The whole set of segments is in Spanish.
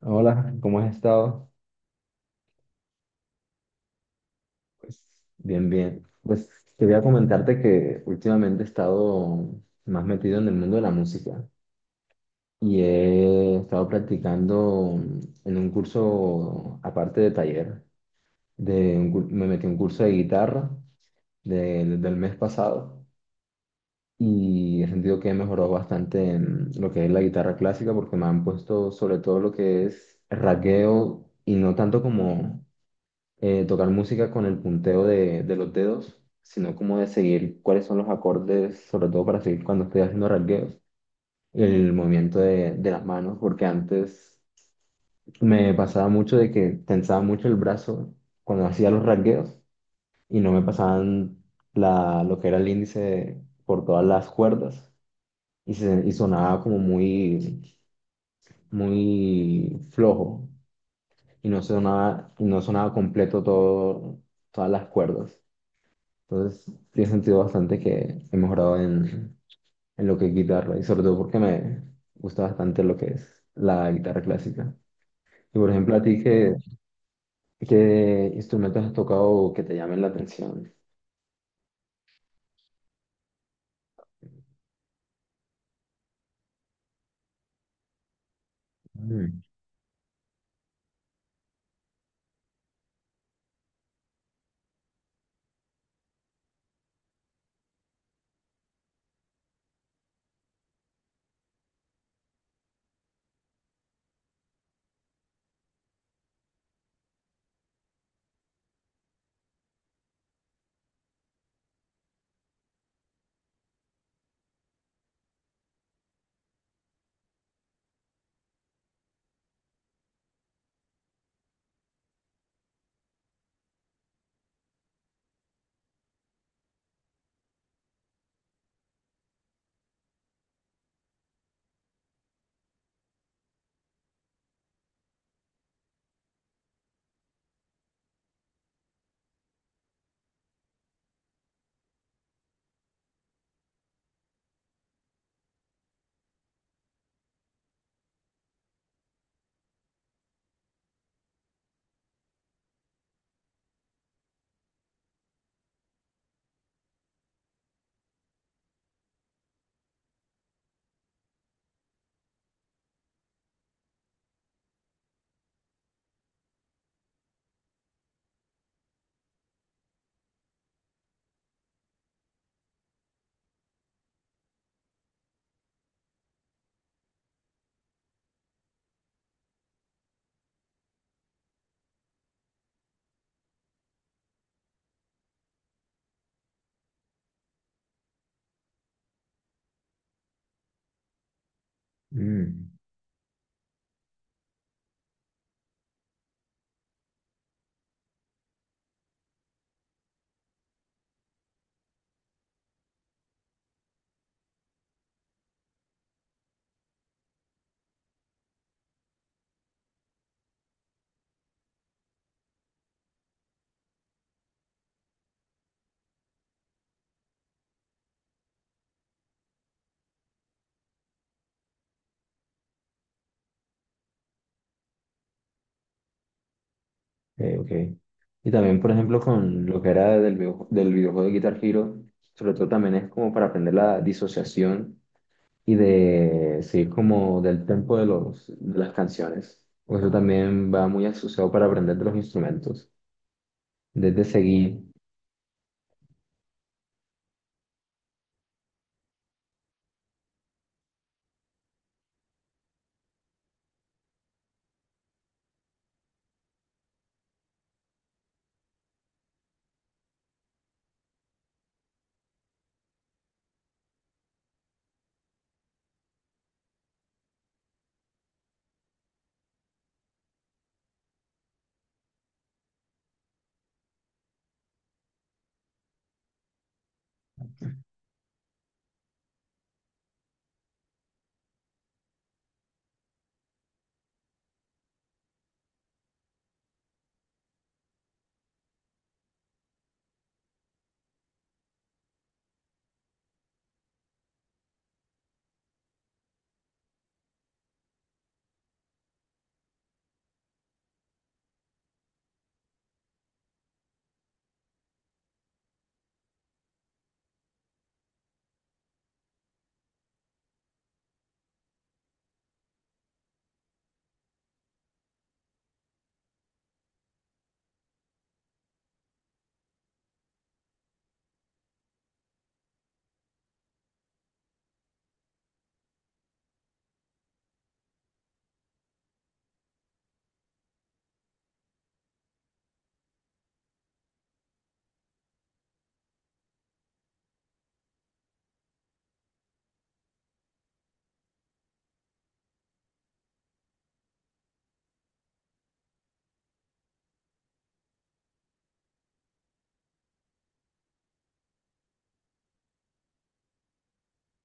Hola, ¿cómo has estado? Pues bien, bien. Pues quería comentarte que últimamente he estado más metido en el mundo de la música y he estado practicando en un curso, aparte de taller, me metí a un curso de guitarra desde el mes pasado y he sentido que he mejorado bastante en lo que es la guitarra clásica porque me han puesto sobre todo lo que es rasgueo y no tanto como tocar música con el punteo de los dedos, sino como de seguir cuáles son los acordes, sobre todo para seguir cuando estoy haciendo rasgueos, el movimiento de las manos, porque antes me pasaba mucho de que tensaba mucho el brazo cuando hacía los rasgueos y no me pasaban lo que era el índice por todas las cuerdas y y sonaba como muy, muy flojo. Y no sonaba completo todo, todas las cuerdas. Entonces, tiene sentido bastante que he mejorado en lo que es guitarra y sobre todo porque me gusta bastante lo que es la guitarra clásica. Y por ejemplo, a ti, ¿qué instrumentos has tocado que te llamen la atención? Mm. Mm. Ok, ok. Y también, por ejemplo, con lo que era del videojuego de Guitar Hero, sobre todo también es como para aprender la disociación y de seguir como del tempo de las canciones. O eso también va muy asociado para aprender de los instrumentos. Desde seguir.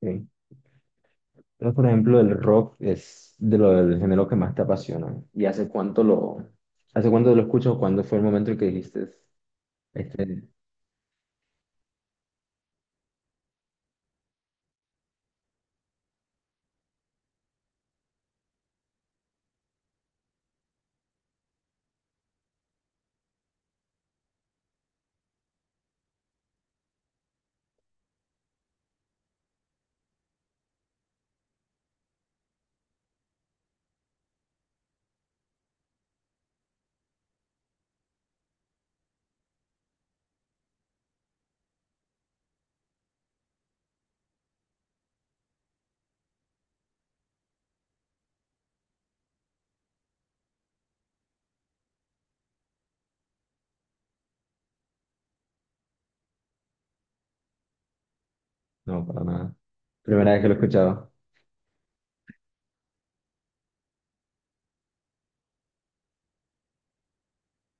¿Sí? Entonces, por ejemplo, el rock es de lo del género que más te apasiona. ¿Hace cuánto lo escuchas o cuándo fue el momento en que dijiste, este, no, para nada. Primera vez que lo he escuchado,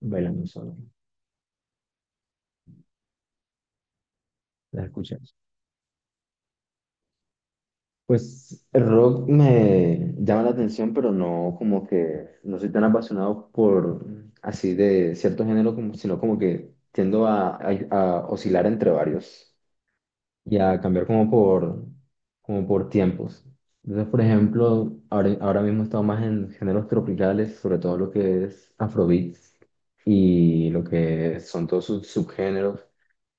bailando solo, las escuchas. Pues el rock me llama la atención, pero no como que no soy tan apasionado por así de cierto género, como, sino como que tiendo a oscilar entre varios, y a cambiar como por, como por tiempos. Entonces, por ejemplo, ahora mismo estamos más en géneros tropicales, sobre todo lo que es Afrobeat y lo que son todos sus subgéneros,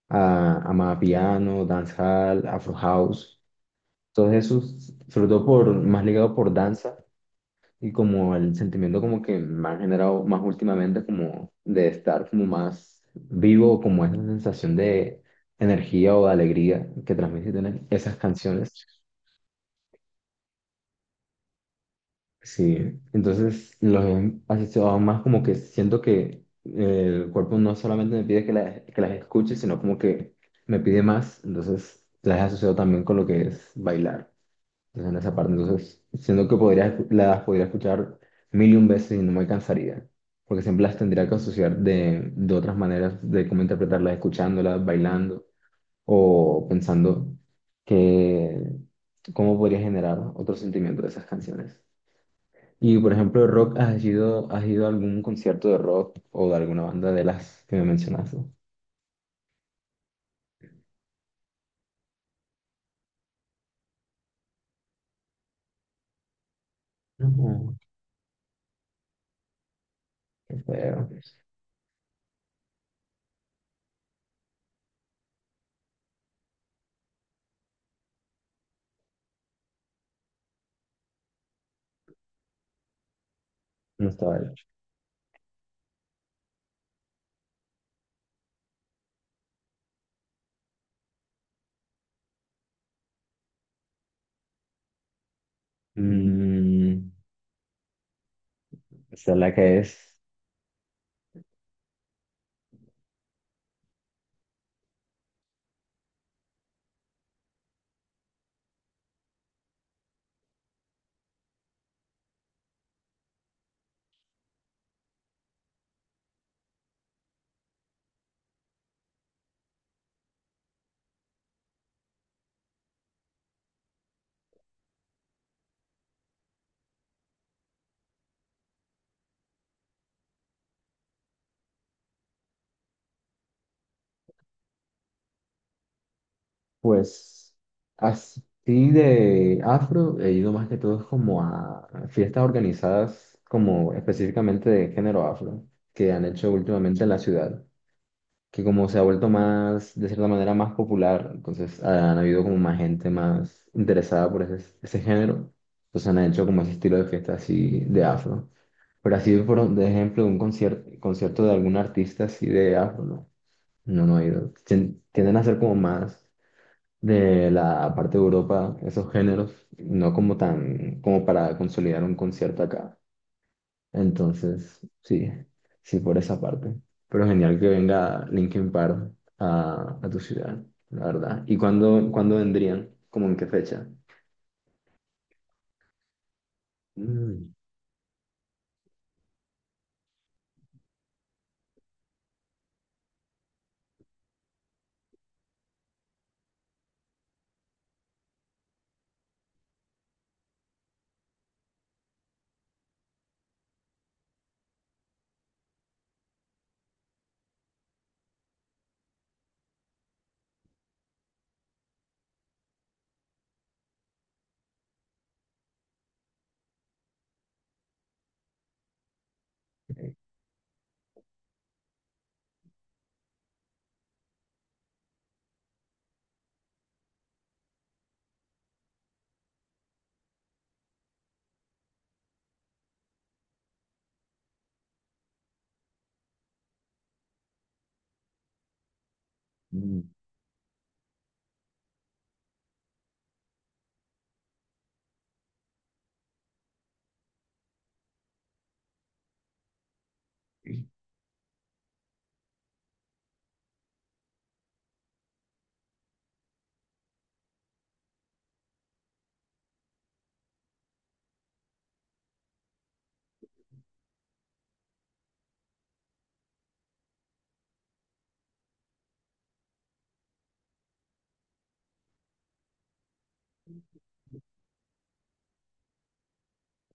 amapiano, dancehall, afro house, todos esos, sobre todo por, más ligado por danza y como el sentimiento como que me ha generado más últimamente como de estar como más vivo, como esa sensación de energía o de alegría que transmiten esas canciones. Sí, entonces los he asociado más como que siento que el cuerpo no solamente me pide que las escuche, sino como que me pide más, entonces las he asociado también con lo que es bailar. Entonces, en esa parte, entonces, siento que podría, las podría escuchar mil y un veces y no me cansaría, porque siempre las tendría que asociar de otras maneras de cómo interpretarlas, escuchándolas, bailando o pensando que cómo podría generar otro sentimiento de esas canciones. Y, por ejemplo, rock, ¿has ido a algún concierto de rock o de alguna banda de las que me mencionaste? No, qué feo. No estaba hecho. Mm, esa es la que es. Pues así de afro he ido más que todo como a fiestas organizadas como específicamente de género afro que han hecho últimamente en la ciudad, que como se ha vuelto más, de cierta manera, más popular, entonces han habido como más gente más interesada por ese, ese género, entonces han hecho como ese estilo de fiesta así de afro. Pero así, por de ejemplo, un concierto, concierto de algún artista así de afro, no, no, no he ido. Tienden a ser como más de la parte de Europa, esos géneros, no como tan, como para consolidar un concierto acá. Entonces, sí, sí por esa parte. Pero genial que venga Linkin Park a tu ciudad, la verdad. ¿Y cuándo, cuándo vendrían? ¿Cómo en qué fecha? Mm. eh, mm,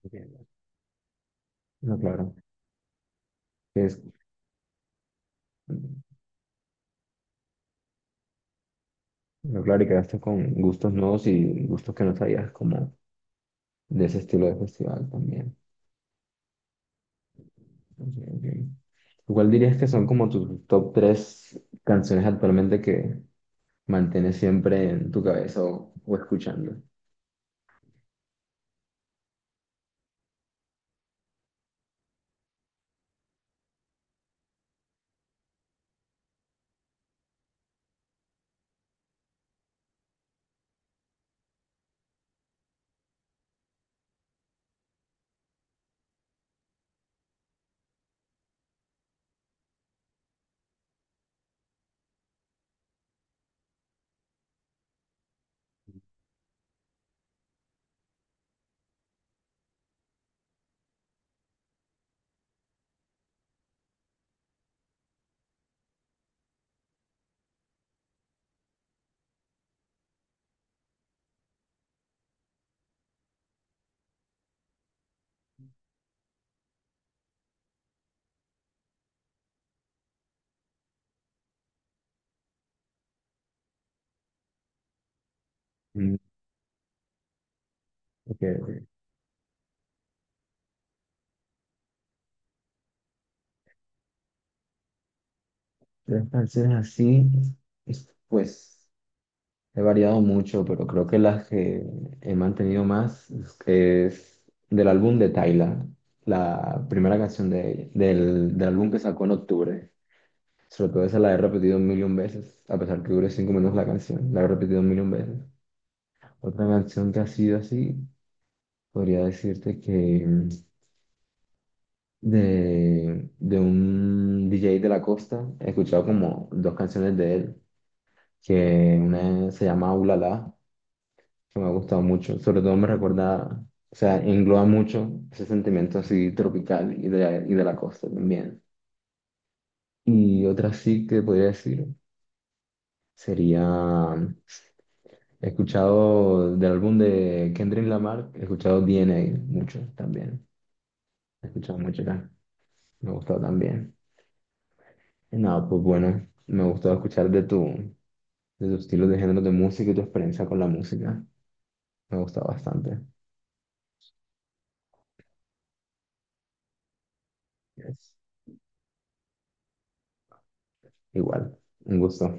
Entiendo. No, claro. que Es, no, claro, y quedaste con gustos nuevos y gustos que no sabías, como de ese estilo de festival también. Ok, ok. ¿Cuál dirías que son como tus top tres canciones actualmente que mantienes siempre en tu cabeza o escuchando? Mm, ok, ok. Tres canciones así, pues he variado mucho, pero creo que las que he mantenido más es del álbum de Tyla, la primera canción del álbum que sacó en octubre. Sobre todo esa la he repetido un millón veces, a pesar que dure 5 minutos la canción, la he repetido un millón veces. Otra canción que ha sido así. Podría decirte que de un DJ de la costa he escuchado como dos canciones de él, que una se llama Ulala, que me ha gustado mucho. Sobre todo me recuerda, o sea, engloba mucho ese sentimiento así tropical y de la costa también. Y otra sí que podría decir sería, he escuchado del álbum de Kendrick Lamar, he escuchado DNA mucho también. He escuchado mucho acá, me ha gustado también. Nada, pues bueno, me gustó escuchar de tus estilos de género de música y tu experiencia con la música. Me gusta bastante. Yes. Igual, un gusto.